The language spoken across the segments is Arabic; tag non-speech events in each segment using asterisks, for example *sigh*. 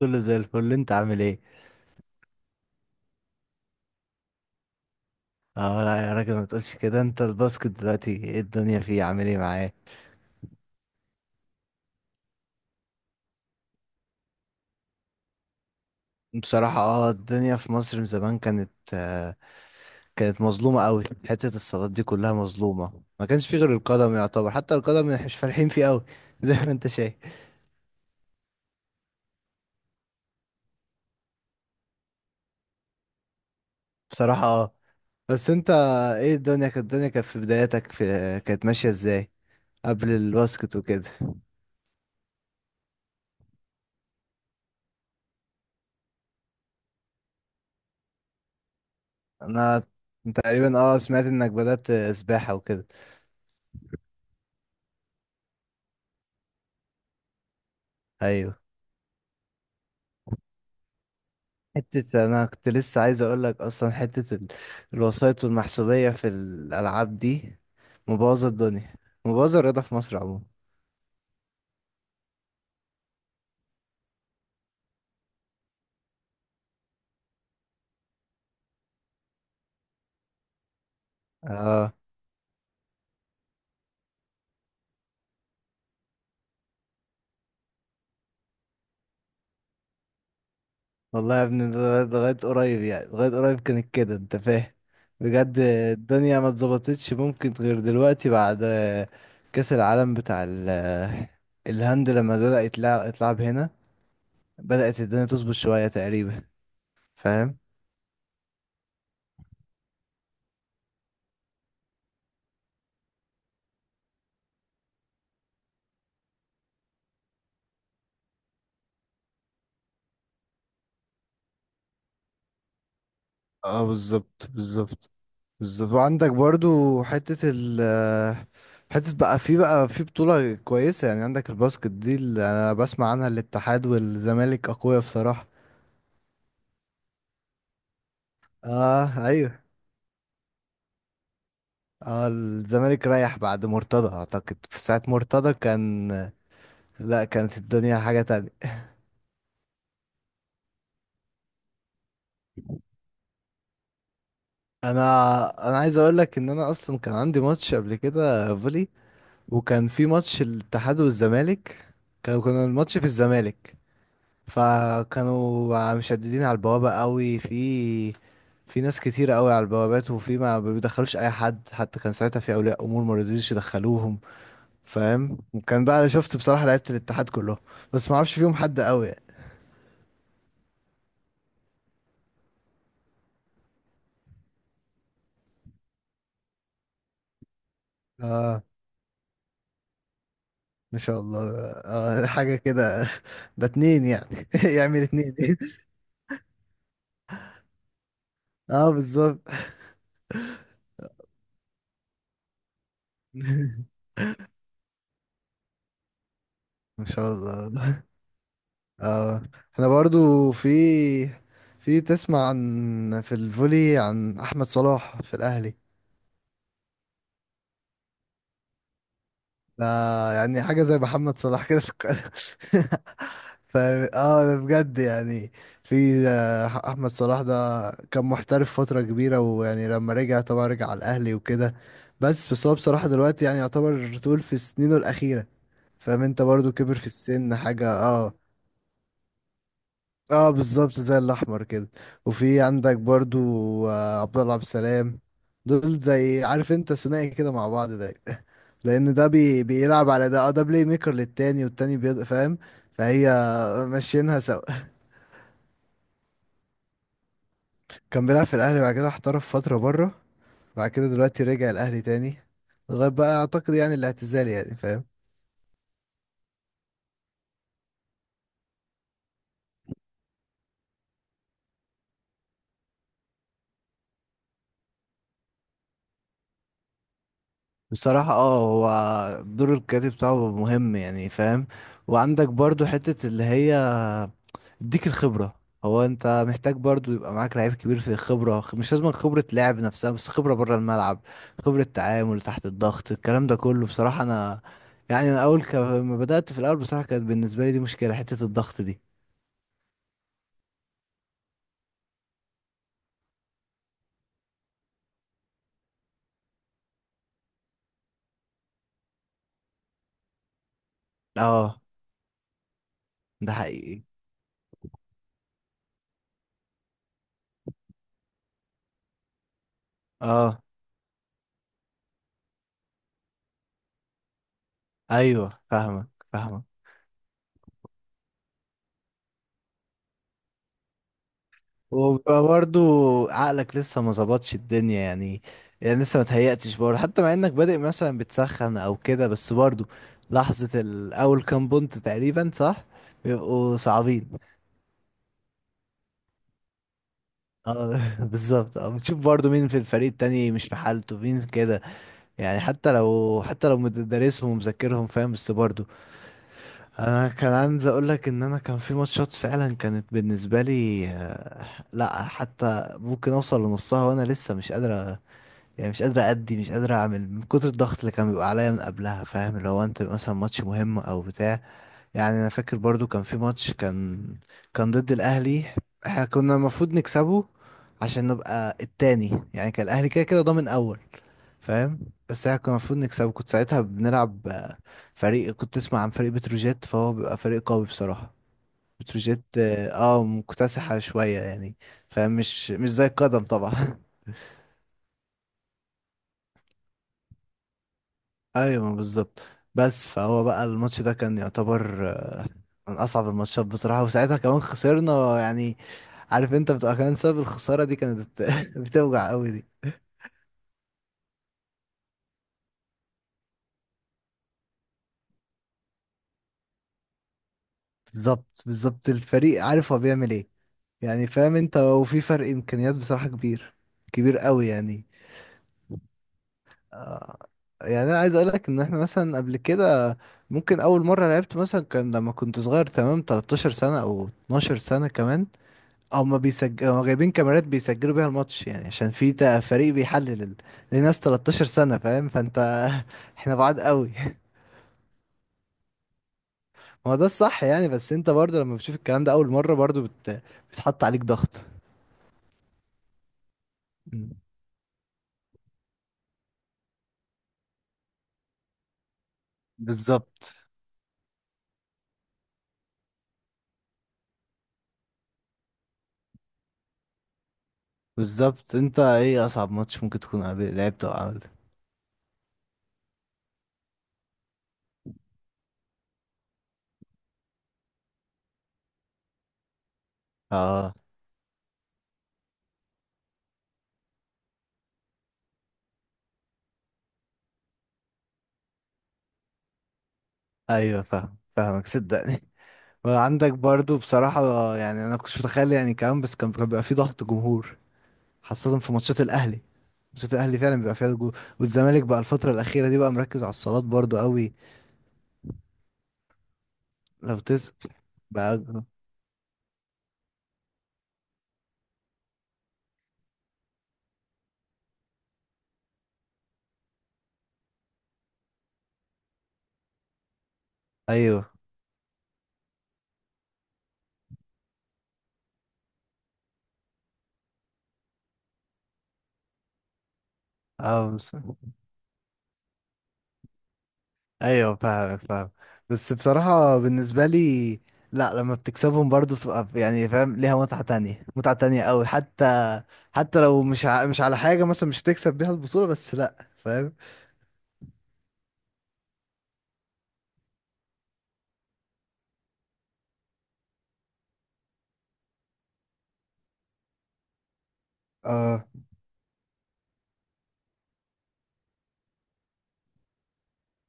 كله زي الفل، انت عامل ايه؟ اه لا يا راجل ما تقولش كده. انت الباسكت دلوقتي ايه الدنيا فيه؟ عامل ايه معاه؟ بصراحة الدنيا في مصر من زمان كانت كانت مظلومة قوي. حتة الصالات دي كلها مظلومة، ما كانش فيه غير القدم يعتبر، حتى القدم مش فالحين فيه قوي *laughs* زي ما انت شايف. بصراحة بس انت ايه الدنيا كانت في بداياتك، كانت ماشية ازاي قبل الباسكت وكده؟ انا تقريبا سمعت انك بدأت سباحة وكده. ايوه، حتة أنا كنت لسه عايز أقولك أصلا، حتة الوسائط والمحسوبية في الألعاب دي مبوظة الدنيا، مبوظة الرياضة في مصر عموما. اه والله يا ابني لغاية قريب، يعني لغاية قريب كانت كده، أنت فاهم. بجد الدنيا ما اتظبطتش ممكن غير دلوقتي بعد كأس العالم بتاع الهند لما بدأ يتلعب هنا. بدأت الدنيا تظبط شوية تقريبا، فاهم؟ اه بالظبط وعندك برضو حتة حتة بقى في بطولة كويسة، يعني عندك الباسكت دي اللي أنا بسمع عنها، الاتحاد والزمالك أقوياء بصراحة. اه أيوه، اه الزمالك رايح بعد مرتضى. أعتقد في ساعة مرتضى كان، لا، كانت الدنيا حاجة تانية. أنا أنا عايز أقولك إن أنا أصلا كان عندي ماتش قبل كده فولي، وكان في ماتش الاتحاد والزمالك. كان الماتش في الزمالك، فكانوا مشددين على البوابة قوي. في في ناس كتير قوي على البوابات وفي ما بيدخلوش اي حد، حتى كان ساعتها في اولياء امور ما رضيوش يدخلوهم، فاهم؟ وكان بقى انا شفت بصراحة لعيبة الاتحاد كلهم، بس ما اعرفش فيهم حد قوي يعني. اه، ما شاء الله. حاجة كده *laughs* ده اتنين يعني. *laughs* يعمل اتنين. *laughs* اه بالظبط. *laughs* ما شاء الله. اه احنا برضو في في تسمع عن في الفولي عن احمد صلاح في الاهلي؟ ده يعني حاجة زي محمد صلاح كده في القناة. *laughs* ف اه ده بجد يعني. في أحمد صلاح ده كان محترف فترة كبيرة، ويعني لما رجع طبعا رجع على الأهلي وكده. بس هو بصراحة دلوقتي يعني يعتبر طول في سنينه الأخيرة، فاهم؟ انت برضو كبر في السن حاجة اه. اه بالظبط زي الأحمر كده. وفي عندك برضو عبد الله عبد السلام، دول زي عارف انت ثنائي كده مع بعض. ده لان ده بيلعب على ده، ده بلاي ميكر للتاني والتاني بيض، فاهم؟ فهي ماشيينها سوا. *laughs* كان بيلعب في الاهلي، بعد كده احترف فتره بره، بعد كده دلوقتي رجع الاهلي تاني لغايه بقى اعتقد يعني الاعتزال، يعني فاهم. بصراحة هو دور الكاتب بتاعه مهم يعني، فاهم؟ وعندك برضو حتة اللي هي يديك الخبرة. هو انت محتاج برضو يبقى معاك لعيب كبير في الخبرة، مش لازم خبرة لعب نفسها بس، خبرة بره الملعب، خبرة تعامل تحت الضغط، الكلام ده كله. بصراحة انا يعني انا اول ما بدأت في الاول بصراحة كانت بالنسبة لي دي مشكلة، حتة الضغط دي. اه ده حقيقي. اه ايوه فاهمك فاهمك. وبيبقى برضو عقلك لسه ما ظبطش الدنيا يعني، يعني لسه ما تهيأتش برضه حتى مع انك بادئ مثلا بتسخن او كده، بس برضو لحظة الاول كام بونت تقريبا صح، بيبقوا صعبين. اه *laughs* بالظبط، اه بتشوف برضو مين في الفريق التاني مش في حالته، مين كده، يعني حتى لو حتى لو مدرسهم ومذاكرهم، فاهم؟ بس برضو انا كان عايز اقول لك ان انا كان في ماتشات فعلا كانت بالنسبة لي لا، حتى ممكن اوصل لنصها وانا لسه مش قادر، يعني مش قادر أدي، مش قادر أعمل من كتر الضغط اللي كان بيبقى عليا من قبلها، فاهم؟ اللي هو أنت مثلا ماتش مهم أو بتاع. يعني أنا فاكر برضو كان في ماتش، كان ضد الأهلي. احنا كنا المفروض نكسبه عشان نبقى التاني، يعني كان الأهلي كده كده ضامن أول، فاهم؟ بس احنا كنا المفروض نكسبه. كنت ساعتها بنلعب فريق، كنت تسمع عن فريق بتروجيت، فهو بيبقى فريق قوي بصراحة. بتروجيت اه، مكتسحة شوية يعني، فاهم؟ مش مش زي القدم طبعا. *laughs* ايوه بالظبط. بس فهو بقى الماتش ده كان يعتبر من اصعب الماتشات بصراحه، وساعتها كمان خسرنا يعني. عارف انت بتبقى كمان، سبب الخساره دي كانت *laughs* بتوجع قوي دي. بالظبط بالظبط، الفريق عارف هو بيعمل ايه، يعني فاهم انت، وفي فرق امكانيات بصراحه كبير، كبير قوي يعني. آه، يعني انا عايز اقول لك ان احنا مثلا قبل كده ممكن اول مره لعبت مثلا، كان لما كنت صغير تمام 13 سنه او 12 سنه كمان، هما بيسجلوا جايبين كاميرات بيسجلوا بيها الماتش، يعني عشان في فريق بيحلل لناس 13 سنة، فاهم؟ فانت *laughs* احنا بعاد قوي. *laughs* ما هو ده الصح يعني، بس انت برضه لما بتشوف الكلام ده اول مرة برضه بتحط عليك ضغط. مم. بالظبط بالظبط. انت ايه اصعب ماتش ممكن تكون لعبته او عملته؟ اه ايوه فاهم فاهمك صدقني. *laughs* وعندك برضه بصراحة يعني انا كنتش متخيل يعني كمان، بس كان بيبقى في ضغط جمهور خاصة في ماتشات الأهلي. ماتشات الأهلي فعلا بيبقى فيها جول، والزمالك بقى الفترة الأخيرة دي بقى مركز على الصالات برضو قوي. لو تس بقى أيوه. أه بس، أيوه فاهم فاهم. بس بصراحة بالنسبة لي لا، لما بتكسبهم برضو بتبقى ف يعني، فاهم؟ ليها متعة تانية، متعة تانية قوي، حتى حتى لو مش ع مش على حاجة، مثلا مش تكسب بيها البطولة بس، لا فاهم. أه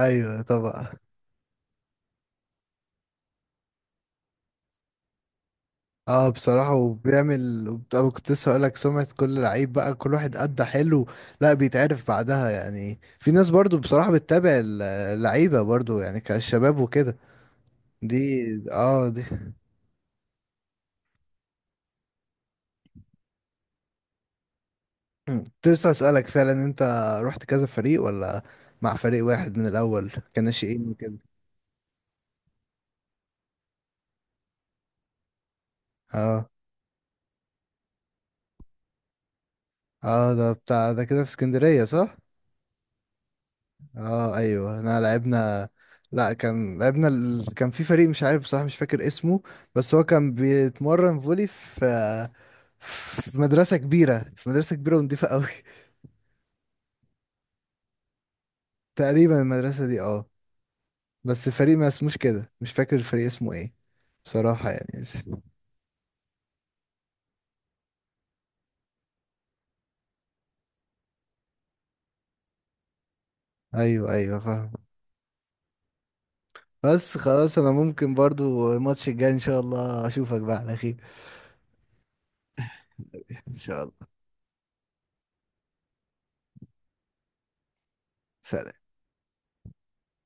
أيوه طبعا. اه بصراحة، وبيعمل أنا كنت لسه هقولك، سمعة كل لعيب بقى كل واحد أدى حلو، لا بيتعرف بعدها، يعني في ناس برضو بصراحة بتتابع اللعيبة برضو يعني كالشباب وكده. دي اه دي مم. كنت لسه أسألك فعلا، انت رحت كذا فريق ولا مع فريق واحد من الأول كناشئين وكده؟ اه، اه ده بتاع ده كده في اسكندرية صح؟ اه ايوه احنا لعبنا، لا كان لعبنا كان في فريق مش عارف بصراحة مش فاكر اسمه، بس هو كان بيتمرن فولي في في مدرسة كبيرة، في مدرسة كبيرة ونضيفة قوي. *laughs* تقريبا المدرسة دي اه، بس الفريق ما اسموش كده مش فاكر الفريق اسمه ايه بصراحة يعني. ايوه ايوه فاهم. بس خلاص انا ممكن برضو الماتش الجاي ان شاء الله اشوفك بقى على خير. ان شاء الله. سلام.